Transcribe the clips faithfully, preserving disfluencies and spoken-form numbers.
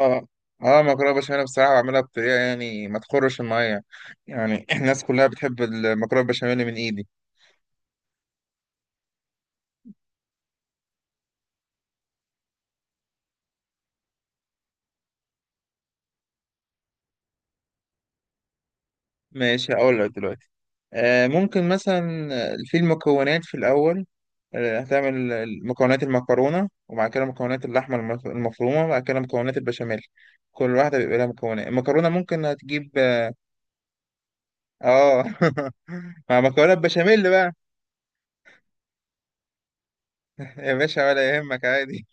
اه اه مكرونه بشاميل بصراحه بعملها بطريقه يعني ما تخرش الميه. يعني الناس كلها بتحب المكرونه بشاميل من ايدي. ماشي، هقول لك دلوقتي. آه ممكن مثلا في المكونات في الاول. آه هتعمل مكونات المكرونه، وبعد كده مكونات اللحمه المف- المفرومه، وبعد كده مكونات البشاميل. كل واحده بيبقى لها مكونات. المكرونه ممكن هتجيب اه. مع مكرونه بشاميل بقى. يا باشا ولا يهمك، عادي.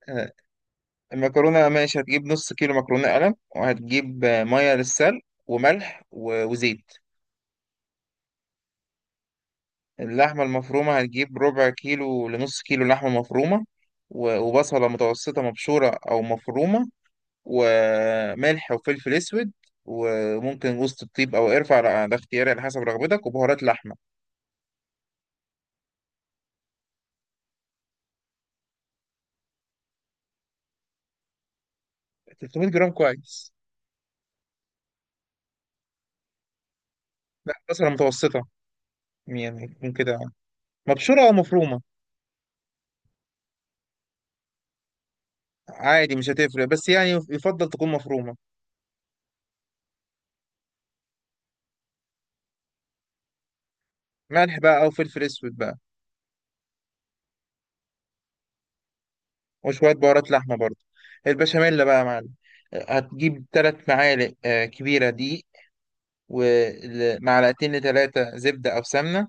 المكرونة ماشي، هتجيب نص كيلو مكرونة قلم، وهتجيب آه، مية للسلق، وملح و- وزيت. اللحمة المفرومة هتجيب ربع كيلو لنص كيلو لحمة مفرومة، و- وبصلة متوسطة مبشورة أو مفرومة، وملح وفلفل أسود، وممكن وسط الطيب أو قرفة على- ده اختياري على حسب رغبتك، وبهارات لحمة. تلتمية جرام كويس. لا، بصلة متوسطة. يعني تكون كده يعني. مبشورة أو مفرومة. عادي مش هتفرق، بس يعني يفضل تكون مفرومة. ملح بقى او فلفل اسود بقى. وشوية بهارات لحمة برضه. البشاميل بقى يا معلم، هتجيب تلات معالق آه، كبيرة دقيق، ومعلقتين لتلاتة زبدة أو سمنة.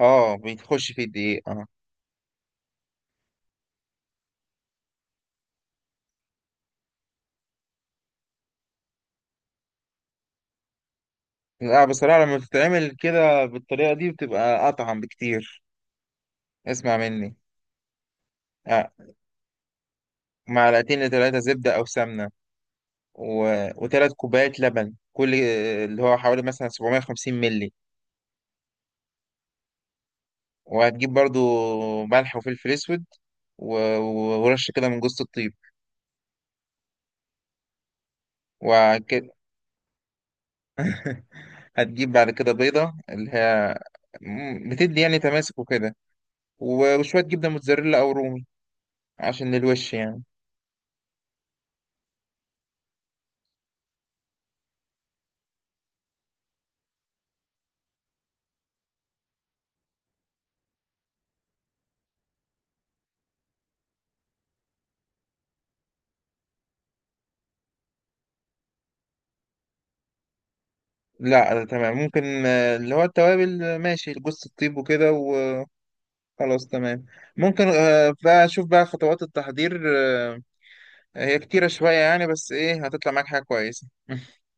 اه، بتخش في الدقيق اه. لا، بصراحة لما بتتعمل كده بالطريقة دي بتبقى أطعم بكتير. اسمع مني. آه. معلقتين لتلاتة زبدة أو سمنة، و... وتلات كوبايات لبن كل آه، اللي هو حوالي مثلا سبعمائة وخمسين ملي. وهتجيب برضو ملح وفلفل أسود، و... ورش كده من جوز الطيب. وك... هتجيب بعد كده بيضة، اللي هي مم، بتدي يعني تماسك وكده، و- وشوية جبنة موتزاريلا أو رومي عشان الوش يعني. لا، ده تمام. ممكن آه، اللي هو التوابل آه، ماشي، جوز الطيب وكده وخلاص. تمام. ممكن آه، بقى أشوف بقى خطوات التحضير. آه، هي كتيرة شوية يعني، بس إيه، هتطلع معاك حاجة كويسة.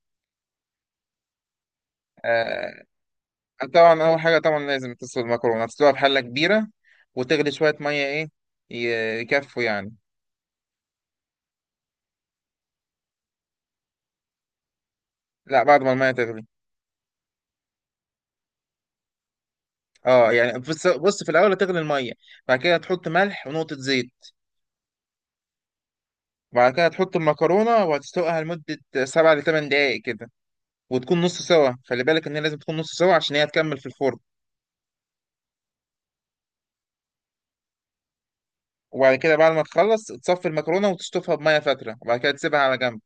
آه، طبعا أول حاجة طبعا لازم تسلق المكرونة، تسلقها في حلة كبيرة، وتغلي شوية مية إيه، ي- يكفوا يعني. لا، بعد ما المية تغلي. اه، يعني بص بص في الاول هتغلي الميه، بعد كده هتحط ملح ونقطه زيت. وبعد كده هتحط المكرونه وهتسلقها لمده سبع لثمان دقائق كده، وتكون نص سوا. خلي بالك ان هي لازم تكون نص سوا عشان هي هتكمل في الفرن. وبعد كده بعد ما تخلص تصفي المكرونه وتشطفها بميه فتره، وبعد كده تسيبها على جنب.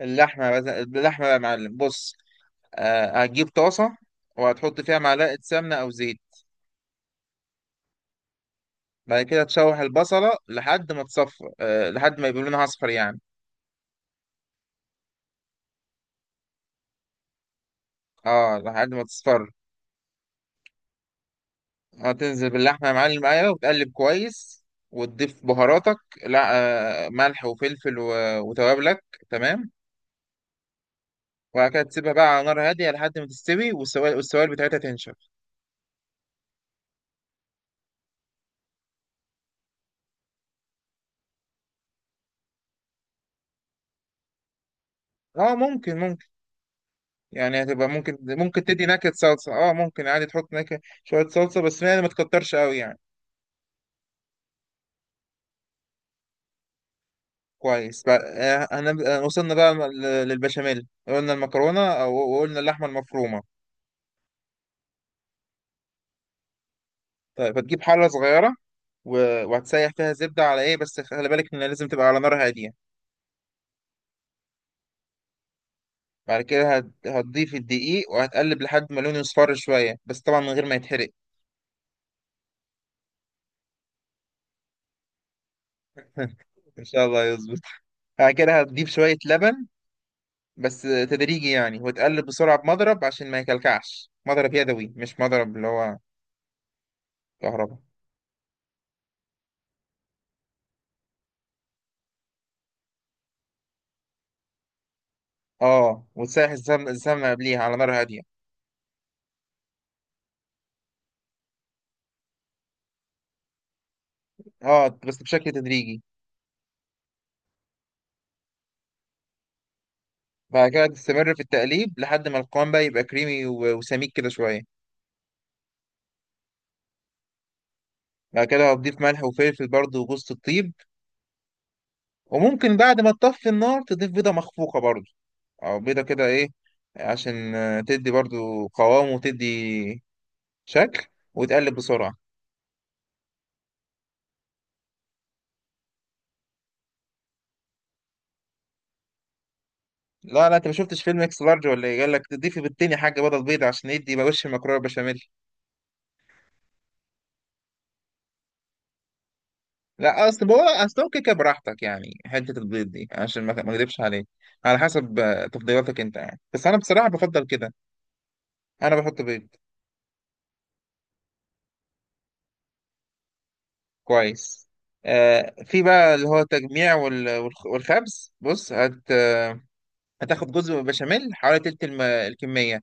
اللحمه بز... اللحمه بقى يا معلم، بص. آه، هتجيب طاسه وهتحط فيها معلقه سمنه او زيت. بعد كده تشوح البصله لحد ما تصفر، آه لحد ما يبقى لونها اصفر يعني. اه، لحد ما تصفر. هتنزل باللحمة يا معلم، أيوة، وتقلب كويس وتضيف بهاراتك. لا، آه، ملح وفلفل و- وتوابلك. تمام. وبعد كده تسيبها بقى على نار هادية لحد ما تستوي والسوائل، والسوائل بتاعتها تنشف. اه ممكن، ممكن. يعني هتبقى، ممكن ممكن تدي نكهة صلصة اه. ممكن عادي تحط نكهة شوية صلصة، بس يعني ما تكترش قوي يعني. كويس بقى. آه، هنب- آه، وصلنا بقى ل- للبشاميل. قلنا المكرونة أو- وقلنا اللحمة المفرومة. طيب هتجيب حلة صغيرة، و- وهتسيح فيها زبدة على ايه، بس خلي بالك ان لازم تبقى على نار هادية. بعد كده هت... هتضيف الدقيق وهتقلب لحد ما لونه يصفر شوية، بس طبعا من غير ما يتحرق. إن شاء الله يظبط. بعد كده هتضيف شوية لبن، بس تدريجي يعني، وتقلب بسرعة بمضرب عشان ما يكلكعش، مضرب يدوي مش مضرب اللي هو كهرباء. اه، وتسيح السم- السمنة قبليها على نار هادية. اه، بس بشكل تدريجي. بعد كده تستمر في التقليب لحد ما القوام بقى يبقى كريمي و- وسميك كده شوية. بعد كده هتضيف ملح وفلفل برضه وجوز الطيب. وممكن بعد ما تطفي النار تضيف بيضة مخفوقة برضه، او بيضه كده ايه، عشان آه، تدي برضو قوام وتدي شكل، وتقلب بسرعه. لا لا، انت ما شفتش فيلم اكس لارج ولا ايه، قال لك تضيفي بالتاني حاجه بدل بيضه عشان يدي يبقى وش المكرونه بشاميل. لا، اصل هو اصل هو كيكه براحتك يعني. حته البيض دي عشان ما ما اكذبش عليك، على حسب آه، تفضيلاتك انت يعني، بس انا بصراحه بفضل كده. انا بحط بيض. كويس. آه في بقى اللي هو تجميع وال- والخ- والخبز. بص، هت آه، هتاخد جزء بشاميل حوالي تلت الم- الكميه.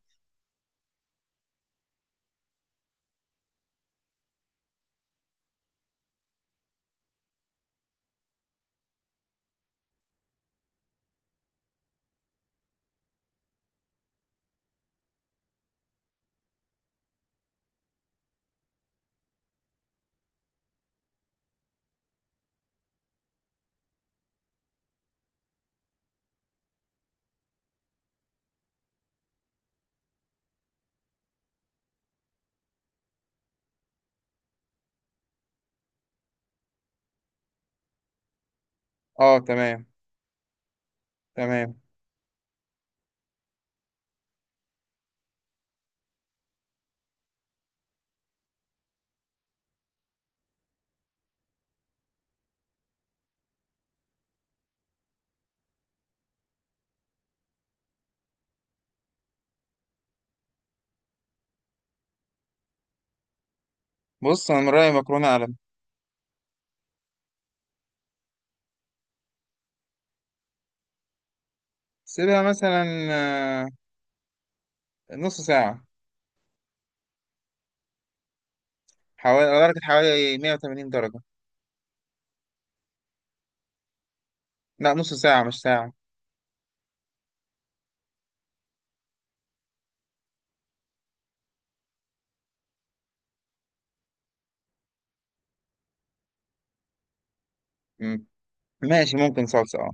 اه تمام. تمام. بص انا من رايي مكرونه قلم. سيبها مثلا آه، نص ساعه. حوالي على درجه حوالي مية وتمانين درجه. لا نص ساعه مش ساعه. مم. ماشي، ممكن صلصه اه.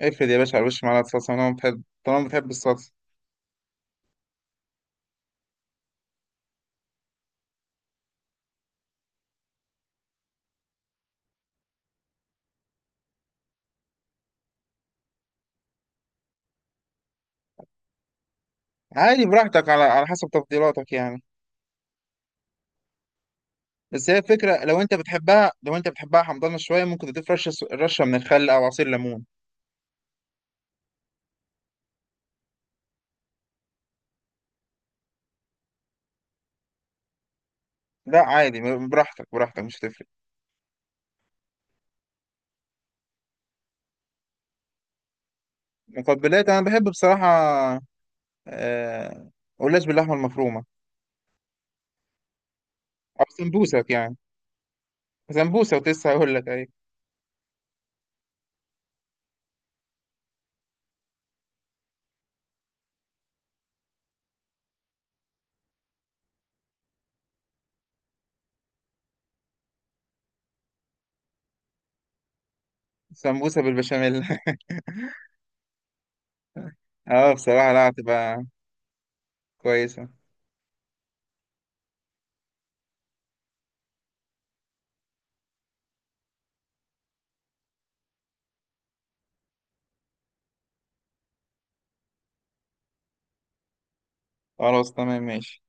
افرض يا باشا على وش معلقه صلصه، انا بحب، طالما بتحب الصلصه. عادي، براحتك، على على حسب تفضيلاتك يعني. بس هي الفكره لو انت بتحبها، لو انت بتحبها حمضانه شويه، ممكن تضيف رشه رشه من الخل او عصير ليمون. لا عادي. براحتك براحتك مش هتفرق. مقبلات، انا بحب بصراحه آه، قلاش باللحمه المفرومه. او سمبوسك يعني، سمبوسة كنت لسه هقول لك، أيوة. سمبوسة بالبشاميل. اه بصراحة، لا هتبقى كويسة. خلاص تمام ماشي.